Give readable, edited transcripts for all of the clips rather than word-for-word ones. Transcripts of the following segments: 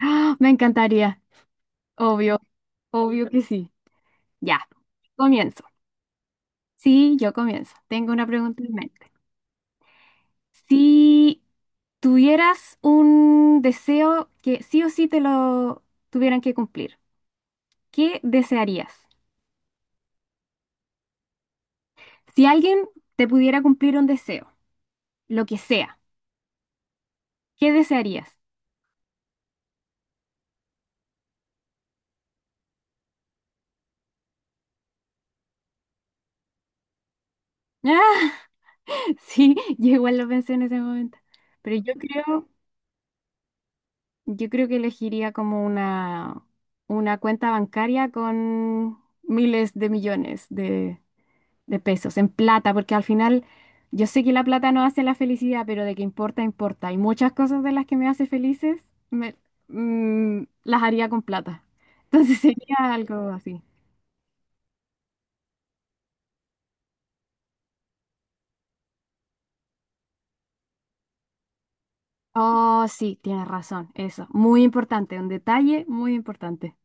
¡Ah! Me encantaría. Obvio, obvio que sí. Ya, comienzo. Sí, yo comienzo. Tengo una pregunta en mente. Si tuvieras un deseo que sí o sí te lo tuvieran que cumplir, ¿qué desearías? Si alguien te pudiera cumplir un deseo, lo que sea, ¿qué desearías? sí, yo igual lo pensé en ese momento. Pero yo creo Yo creo que elegiría como una cuenta bancaria con miles de millones de pesos en plata, porque al final yo sé que la plata no hace la felicidad, pero de que importa, importa. Hay muchas cosas de las que me hace felices me- las haría con plata. Entonces sería algo así. Oh, sí, tienes razón, eso. Muy importante, un detalle muy importante.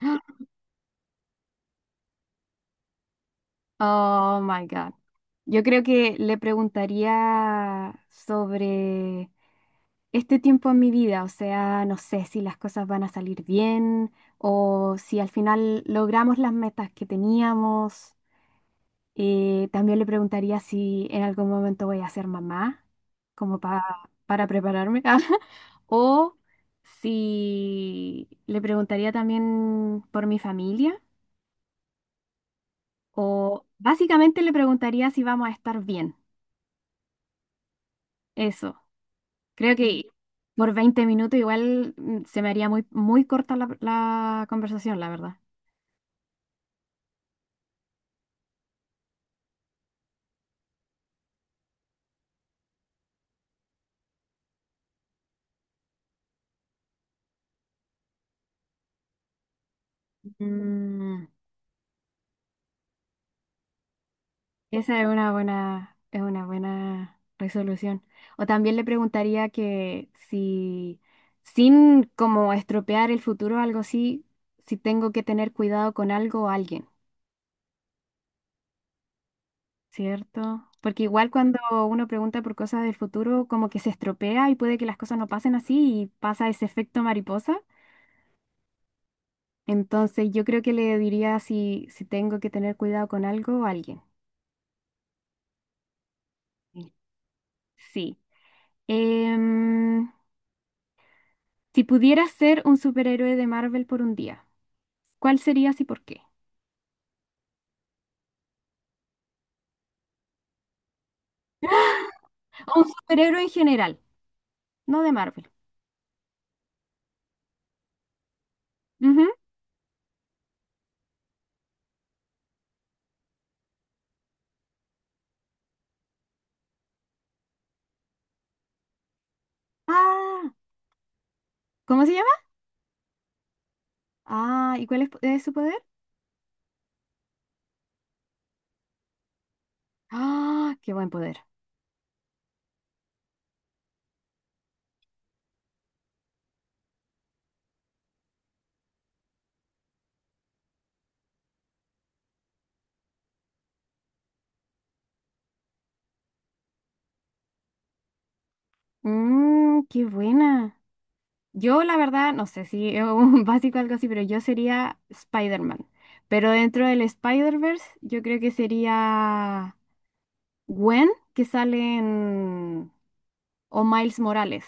Oh my God. Yo creo que le preguntaría sobre este tiempo en mi vida, o sea, no sé si las cosas van a salir bien o si al final logramos las metas que teníamos. También le preguntaría si en algún momento voy a ser mamá, como pa- para prepararme, o si le preguntaría también por mi familia, o básicamente le preguntaría si vamos a estar bien. Eso. Creo que por 20 minutos igual se me haría muy, muy corta la conversación, la verdad. Mm, Esa es una buena resolución. O también le preguntaría que si, sin como estropear el futuro o algo así, si tengo que tener cuidado con algo o alguien, ¿cierto? Porque igual cuando uno pregunta por cosas del futuro, como que se estropea y puede que las cosas no pasen así y pasa ese efecto mariposa. Entonces, yo creo que le diría si tengo que tener cuidado con algo o alguien. Sí. Em, si pudieras ser un superhéroe de Marvel por 1 día, ¿cuál serías y por qué? O un superhéroe en general, no de Marvel. Ujú. Ah, ¿cómo se llama? Ah, ¿y cuál es su poder? Ah, qué buen poder. Mm, qué buena. Yo, la verdad, no sé si es un básico o algo así, pero yo sería Spider-Man. Pero dentro del Spider-Verse, yo creo que sería Gwen, que sale en... o Miles Morales.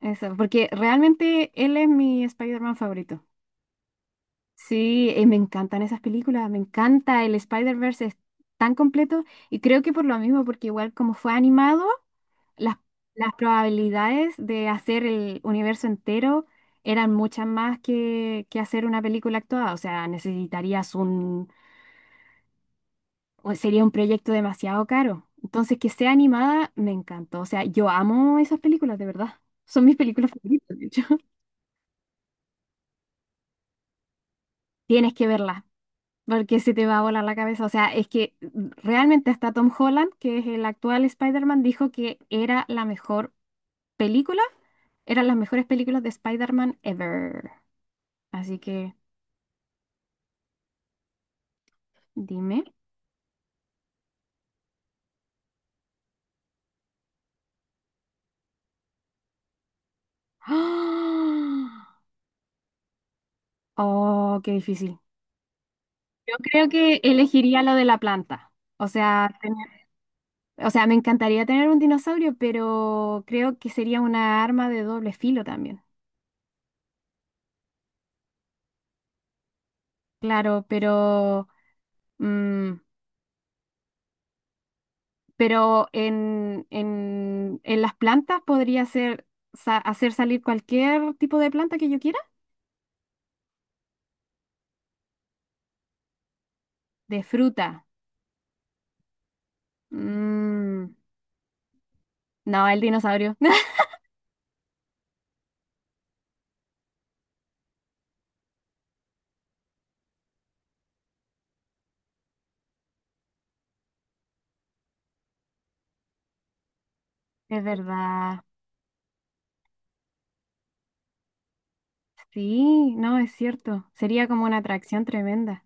Eso, porque realmente él es mi Spider-Man favorito. Sí, me encantan esas películas, me encanta el Spider-Verse, es tan completo y creo que por lo mismo, porque igual como fue animado. las, las probabilidades de hacer el universo entero eran muchas más que hacer una película actuada. O sea, o sería un proyecto demasiado caro. Entonces, que sea animada me encantó. O sea, yo amo esas películas, de verdad. Son mis películas favoritas, de hecho. Tienes que verla porque se te va a volar la cabeza. O sea, es que realmente hasta Tom Holland, que es el actual Spider-Man, dijo que era la mejor película, eran las mejores películas de Spider-Man ever. Así que dime. ¡Ah! Oh, qué difícil. Yo creo que elegiría lo de la planta. O sea, tener- o sea, me encantaría tener un dinosaurio, pero creo que sería una arma de doble filo también. Claro, pero, mm, pero en las plantas podría hacer salir cualquier tipo de planta que yo quiera. De fruta. Mm, no, el dinosaurio. Es verdad. Sí, no, es cierto. Sería como una atracción tremenda.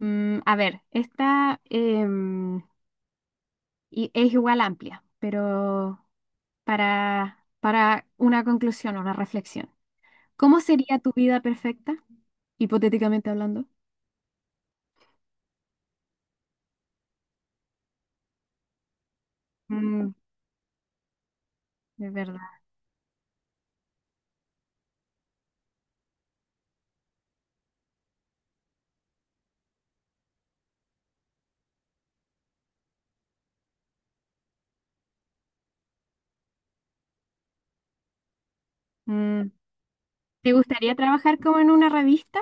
Mm, a ver, esta es igual amplia, pero para una conclusión, una reflexión. ¿Cómo sería tu vida perfecta, hipotéticamente hablando? Mm, es verdad. Mm, ¿te gustaría trabajar como en una revista?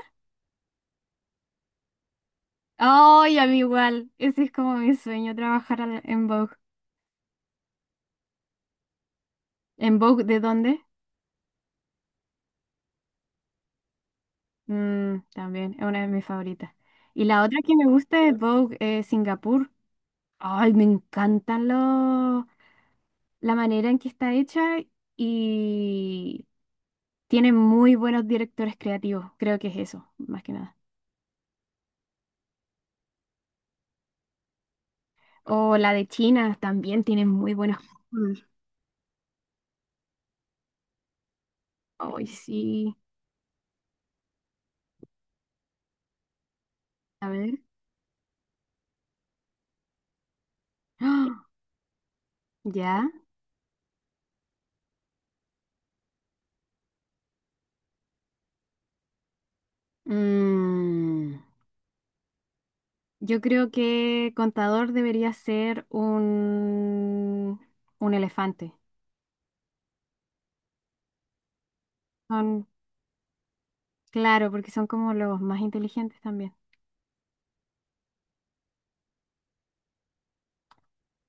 Ay, a mí igual. Ese es como mi sueño, en Vogue. ¿En Vogue de dónde? Mm, también, es una de mis favoritas. Y la otra que me gusta es Vogue Singapur. Ay, me encantan los, la manera en que está hecha y tiene muy buenos directores creativos. Creo que es eso, más que nada. O la de China también tiene muy buenos. Mm. Ay, sí. A ver. ¡Ah! Ya. Mm, yo creo que Contador debería ser un elefante. Claro, porque son como los más inteligentes también.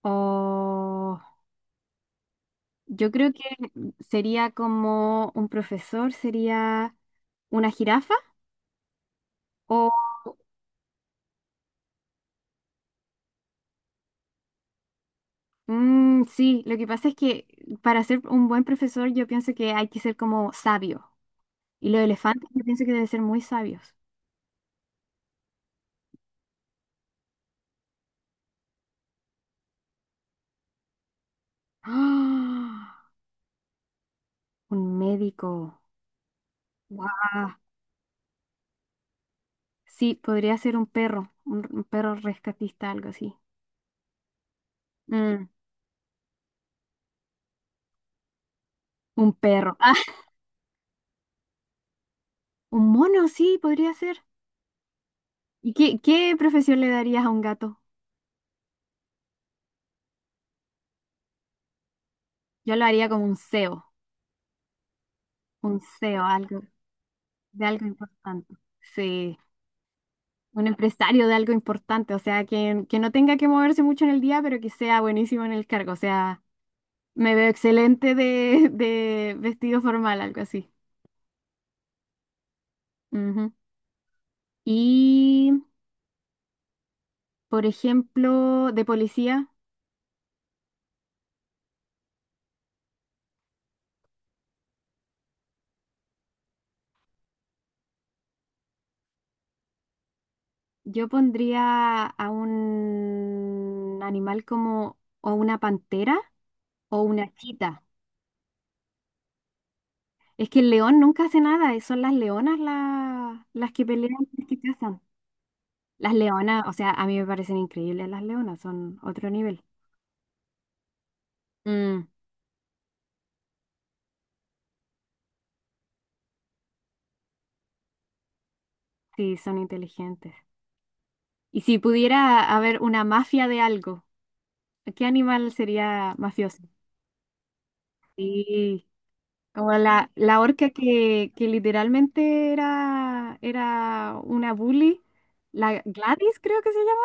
O yo creo que sería como un profesor, sería una jirafa. O mm, sí, lo que pasa es que para ser un buen profesor yo pienso que hay que ser como sabio. Y los elefantes yo pienso que deben ser muy sabios. ¡Ah! Un médico. ¡Guau! Sí, podría ser un perro, un perro rescatista, algo así. Mm, un perro. un mono, sí, podría ser. ¿Y qué profesión le darías a un gato? Yo lo haría como un CEO, un CEO, algo, de algo importante. Sí, un empresario de algo importante, o sea, que no tenga que moverse mucho en el día, pero que sea buenísimo en el cargo. O sea, me veo excelente de, de vestido formal, algo así. Ujú. Y, por ejemplo, de policía, yo pondría a un animal como o una pantera o una chita. Es que el león nunca hace nada, son las leonas las que pelean, las que cazan. Las leonas, o sea, a mí me parecen increíbles las leonas, son otro nivel. Mm, sí, son inteligentes. Y si pudiera haber una mafia de algo, ¿qué animal sería mafioso? Sí, como la orca que literalmente era una bully, la Gladys creo que se llama.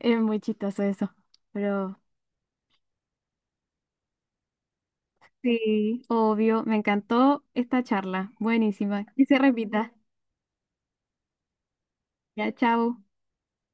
Es muy chistoso eso, pero... Sí, obvio. Me encantó esta charla. Buenísima. Que se repita. Ya, chao.